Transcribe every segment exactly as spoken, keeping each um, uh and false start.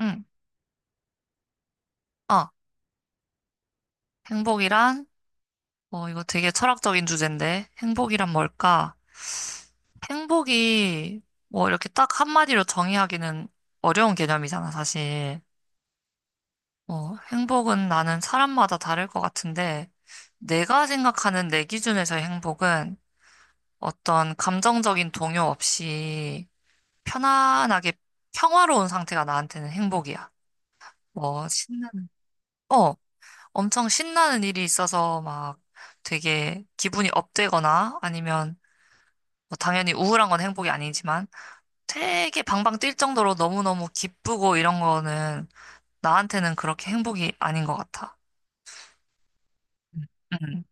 응. 어, 행복이란? 어, 이거 되게 철학적인 주제인데. 행복이란 뭘까? 행복이 뭐 이렇게 딱 한마디로 정의하기는 어려운 개념이잖아, 사실. 어, 행복은 나는 사람마다 다를 것 같은데, 내가 생각하는 내 기준에서의 행복은 어떤 감정적인 동요 없이 편안하게 평화로운 상태가 나한테는 행복이야. 뭐, 신나는, 어, 엄청 신나는 일이 있어서 막 되게 기분이 업되거나 아니면 뭐 당연히 우울한 건 행복이 아니지만 되게 방방 뛸 정도로 너무너무 기쁘고 이런 거는 나한테는 그렇게 행복이 아닌 것 같아. 음. 음.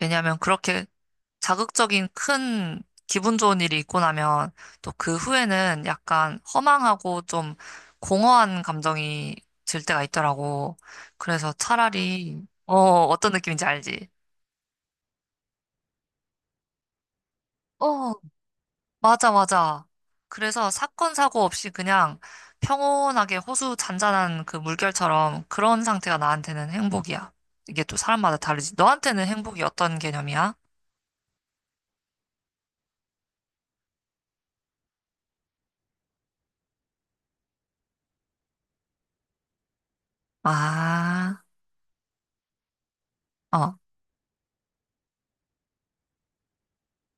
왜냐하면 그렇게 자극적인 큰 기분 좋은 일이 있고 나면 또 그 후에는 약간 허망하고 좀 공허한 감정이 들 때가 있더라고. 그래서 차라리 어, 어떤 느낌인지 알지? 어, 맞아, 맞아. 그래서 사건, 사고 없이 그냥 평온하게 호수 잔잔한 그 물결처럼 그런 상태가 나한테는 행복이야. 이게 또 사람마다 다르지. 너한테는 행복이 어떤 개념이야? 아, 어,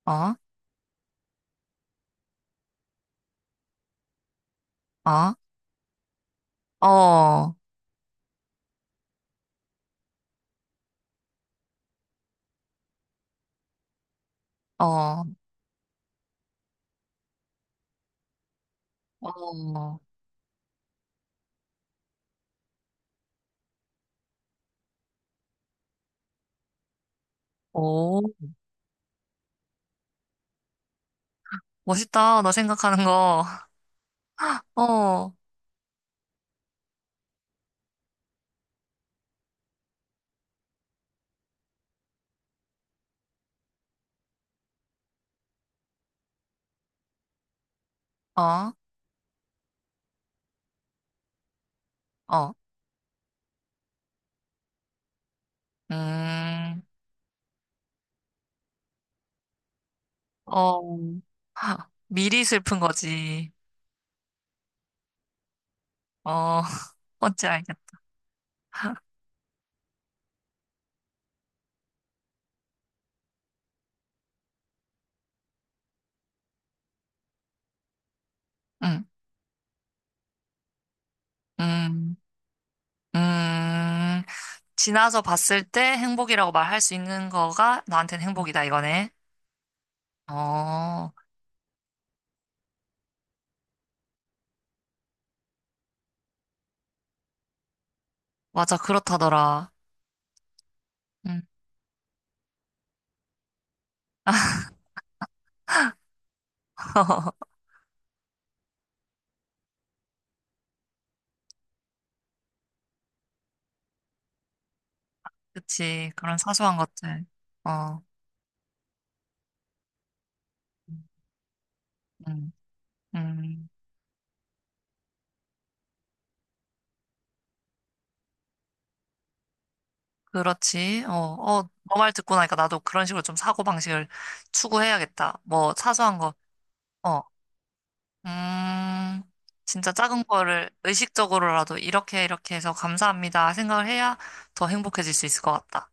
어, 어, 어, 어, 어, 오, 멋있다. 너 생각하는 거. 어, 어, 어, 음, 어, 미리 슬픈 거지. 어, 뭔지 알겠다. 응, 음. 음, 지나서 봤을 때 행복이라고 말할 수 있는 거가 나한테는 음. 행복이다, 이거네. 어, 맞아, 그렇다더라. 음, 그치. 그런 사소한 것들. 어, 음, 음, 그렇지. 어, 어, 너 말 듣고 나니까 나도 그런 식으로 좀 사고방식을 추구해야겠다. 뭐, 사소한 거. 어, 음, 진짜 작은 거를 의식적으로라도 이렇게 이렇게 해서 감사합니다 생각을 해야 더 행복해질 수 있을 것 같다.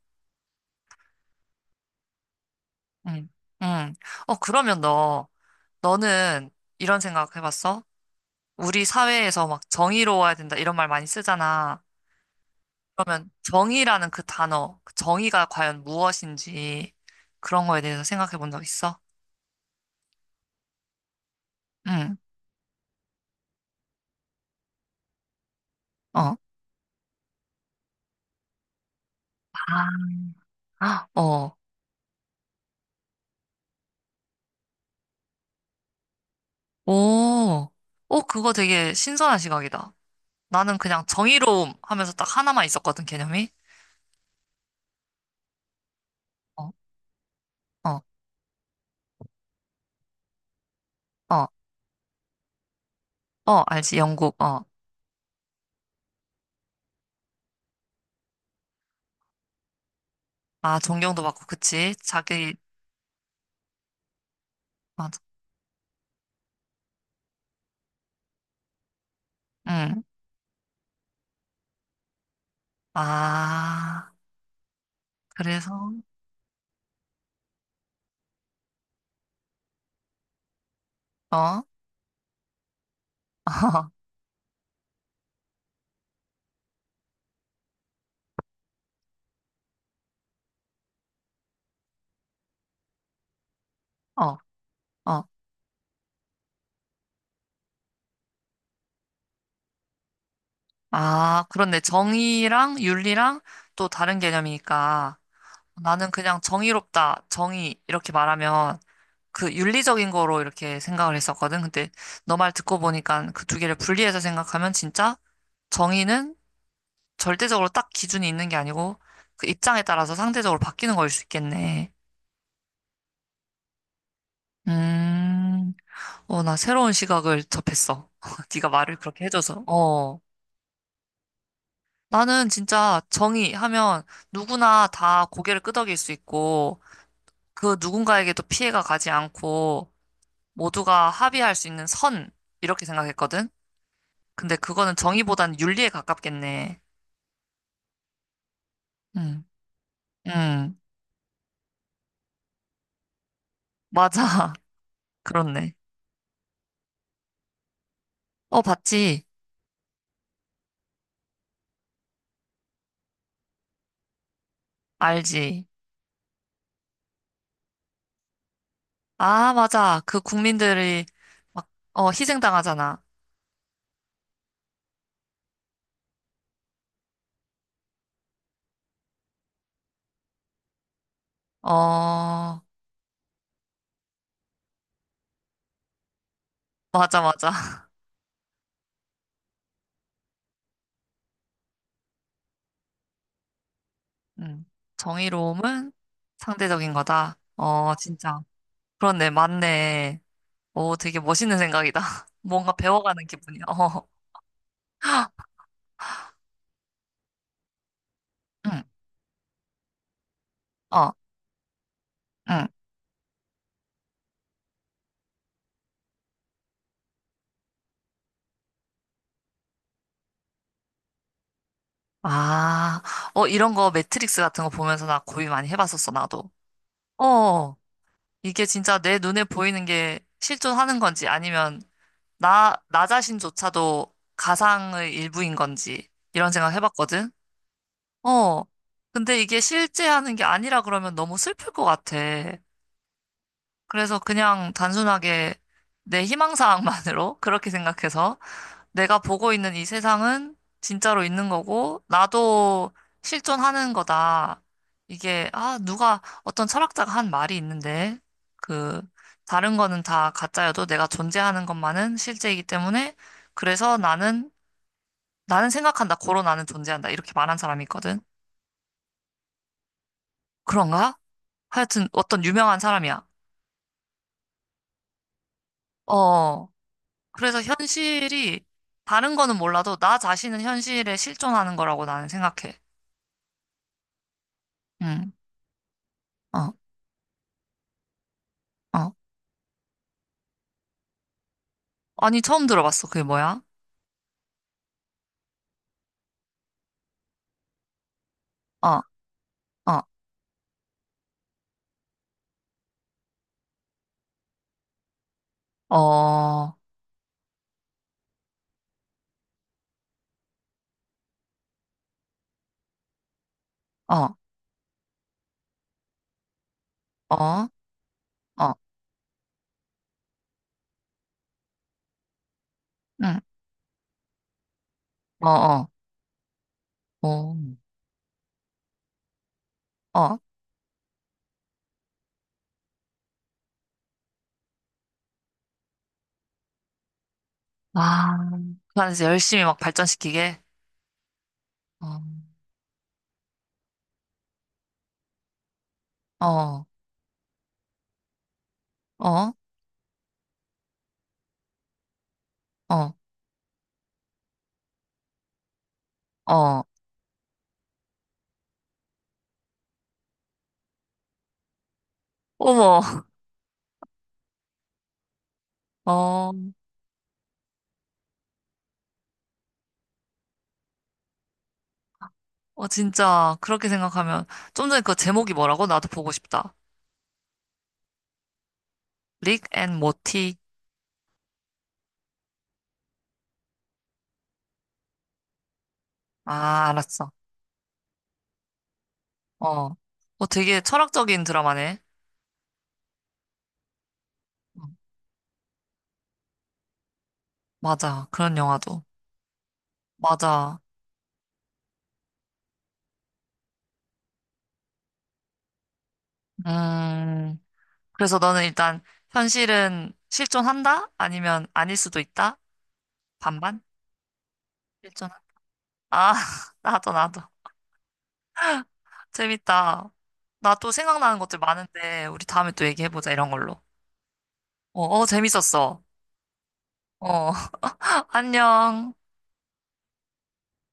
응, 응. 어, 그러면 너, 너는 이런 생각 해봤어? 우리 사회에서 막 정의로워야 된다 이런 말 많이 쓰잖아. 그러면 정의라는 그 단어, 그 정의가 과연 무엇인지 그런 거에 대해서 생각해 본 적 있어? 응, 어. 아, 어, 오, 오, 그거 되게 신선한 시각이다. 나는 그냥 정의로움 하면서 딱 하나만 있었거든, 개념이. 어, 어, 어, 어, 알지, 영국, 어. 아, 존경도 받고, 그치? 자기, 맞아. 응. 아, 그래서, 어, 어, 어. 아, 그렇네. 정의랑 윤리랑 또 다른 개념이니까 나는 그냥 정의롭다, 정의 이렇게 말하면 그 윤리적인 거로 이렇게 생각을 했었거든. 근데 너 말 듣고 보니까 그 두 개를 분리해서 생각하면 진짜 정의는 절대적으로 딱 기준이 있는 게 아니고 그 입장에 따라서 상대적으로 바뀌는 거일 수 있겠네. 음, 어, 나 새로운 시각을 접했어. 네가 말을 그렇게 해줘서. 어. 나는 진짜 정의 하면 누구나 다 고개를 끄덕일 수 있고 그 누군가에게도 피해가 가지 않고 모두가 합의할 수 있는 선 이렇게 생각했거든. 근데 그거는 정의보다는 윤리에 가깝겠네. 응, 응, 맞아. 그렇네. 어, 봤지? 알지? 아, 맞아. 그 국민들이 막, 어, 희생당하잖아. 어, 맞아, 맞아. 응. 정의로움은 상대적인 거다. 어, 진짜. 그렇네, 맞네. 오, 되게 멋있는 생각이다. 뭔가 배워가는 기분이야. 어, 응, 어, 응. 아, 어, 이런 거 매트릭스 같은 거 보면서 나 고민 많이 해봤었어, 나도. 어, 이게 진짜 내 눈에 보이는 게 실존하는 건지 아니면 나, 나 자신조차도 가상의 일부인 건지 이런 생각 해봤거든? 어, 근데 이게 실제 하는 게 아니라 그러면 너무 슬플 것 같아. 그래서 그냥 단순하게 내 희망사항만으로 그렇게 생각해서 내가 보고 있는 이 세상은 진짜로 있는 거고, 나도 실존하는 거다. 이게, 아, 누가, 어떤 철학자가 한 말이 있는데, 그, 다른 거는 다 가짜여도 내가 존재하는 것만은 실제이기 때문에, 그래서 나는, 나는 생각한다. 고로 나는 존재한다. 이렇게 말한 사람이 있거든. 그런가? 하여튼 어떤 유명한 사람이야. 어, 그래서 현실이, 다른 거는 몰라도 나 자신은 현실에 실존하는 거라고 나는 생각해. 응, 어, 어. 아니, 처음 들어봤어. 그게 뭐야? 어, 어, 어, 어, 어, 어, 응, 어, 어, 어, 어. 아, 그 안에서 열심히 막 발전시키게. 어, 어, 어, 어, 어. 어머, 어, 어, 진짜, 그렇게 생각하면, 좀 전에 그 제목이 뭐라고? 나도 보고 싶다. 릭 앤 모티. 아, 알았어. 어, 어, 되게 철학적인 드라마네. 어, 맞아. 그런 영화도. 맞아. 음. 그래서 너는 일단 현실은 실존한다? 아니면 아닐 수도 있다? 반반? 실존. 한 아, 나도 나도. 재밌다. 나 또 생각나는 것들 많은데 우리 다음에 또 얘기해보자 이런 걸로. 어, 어, 재밌었어. 어, 안녕.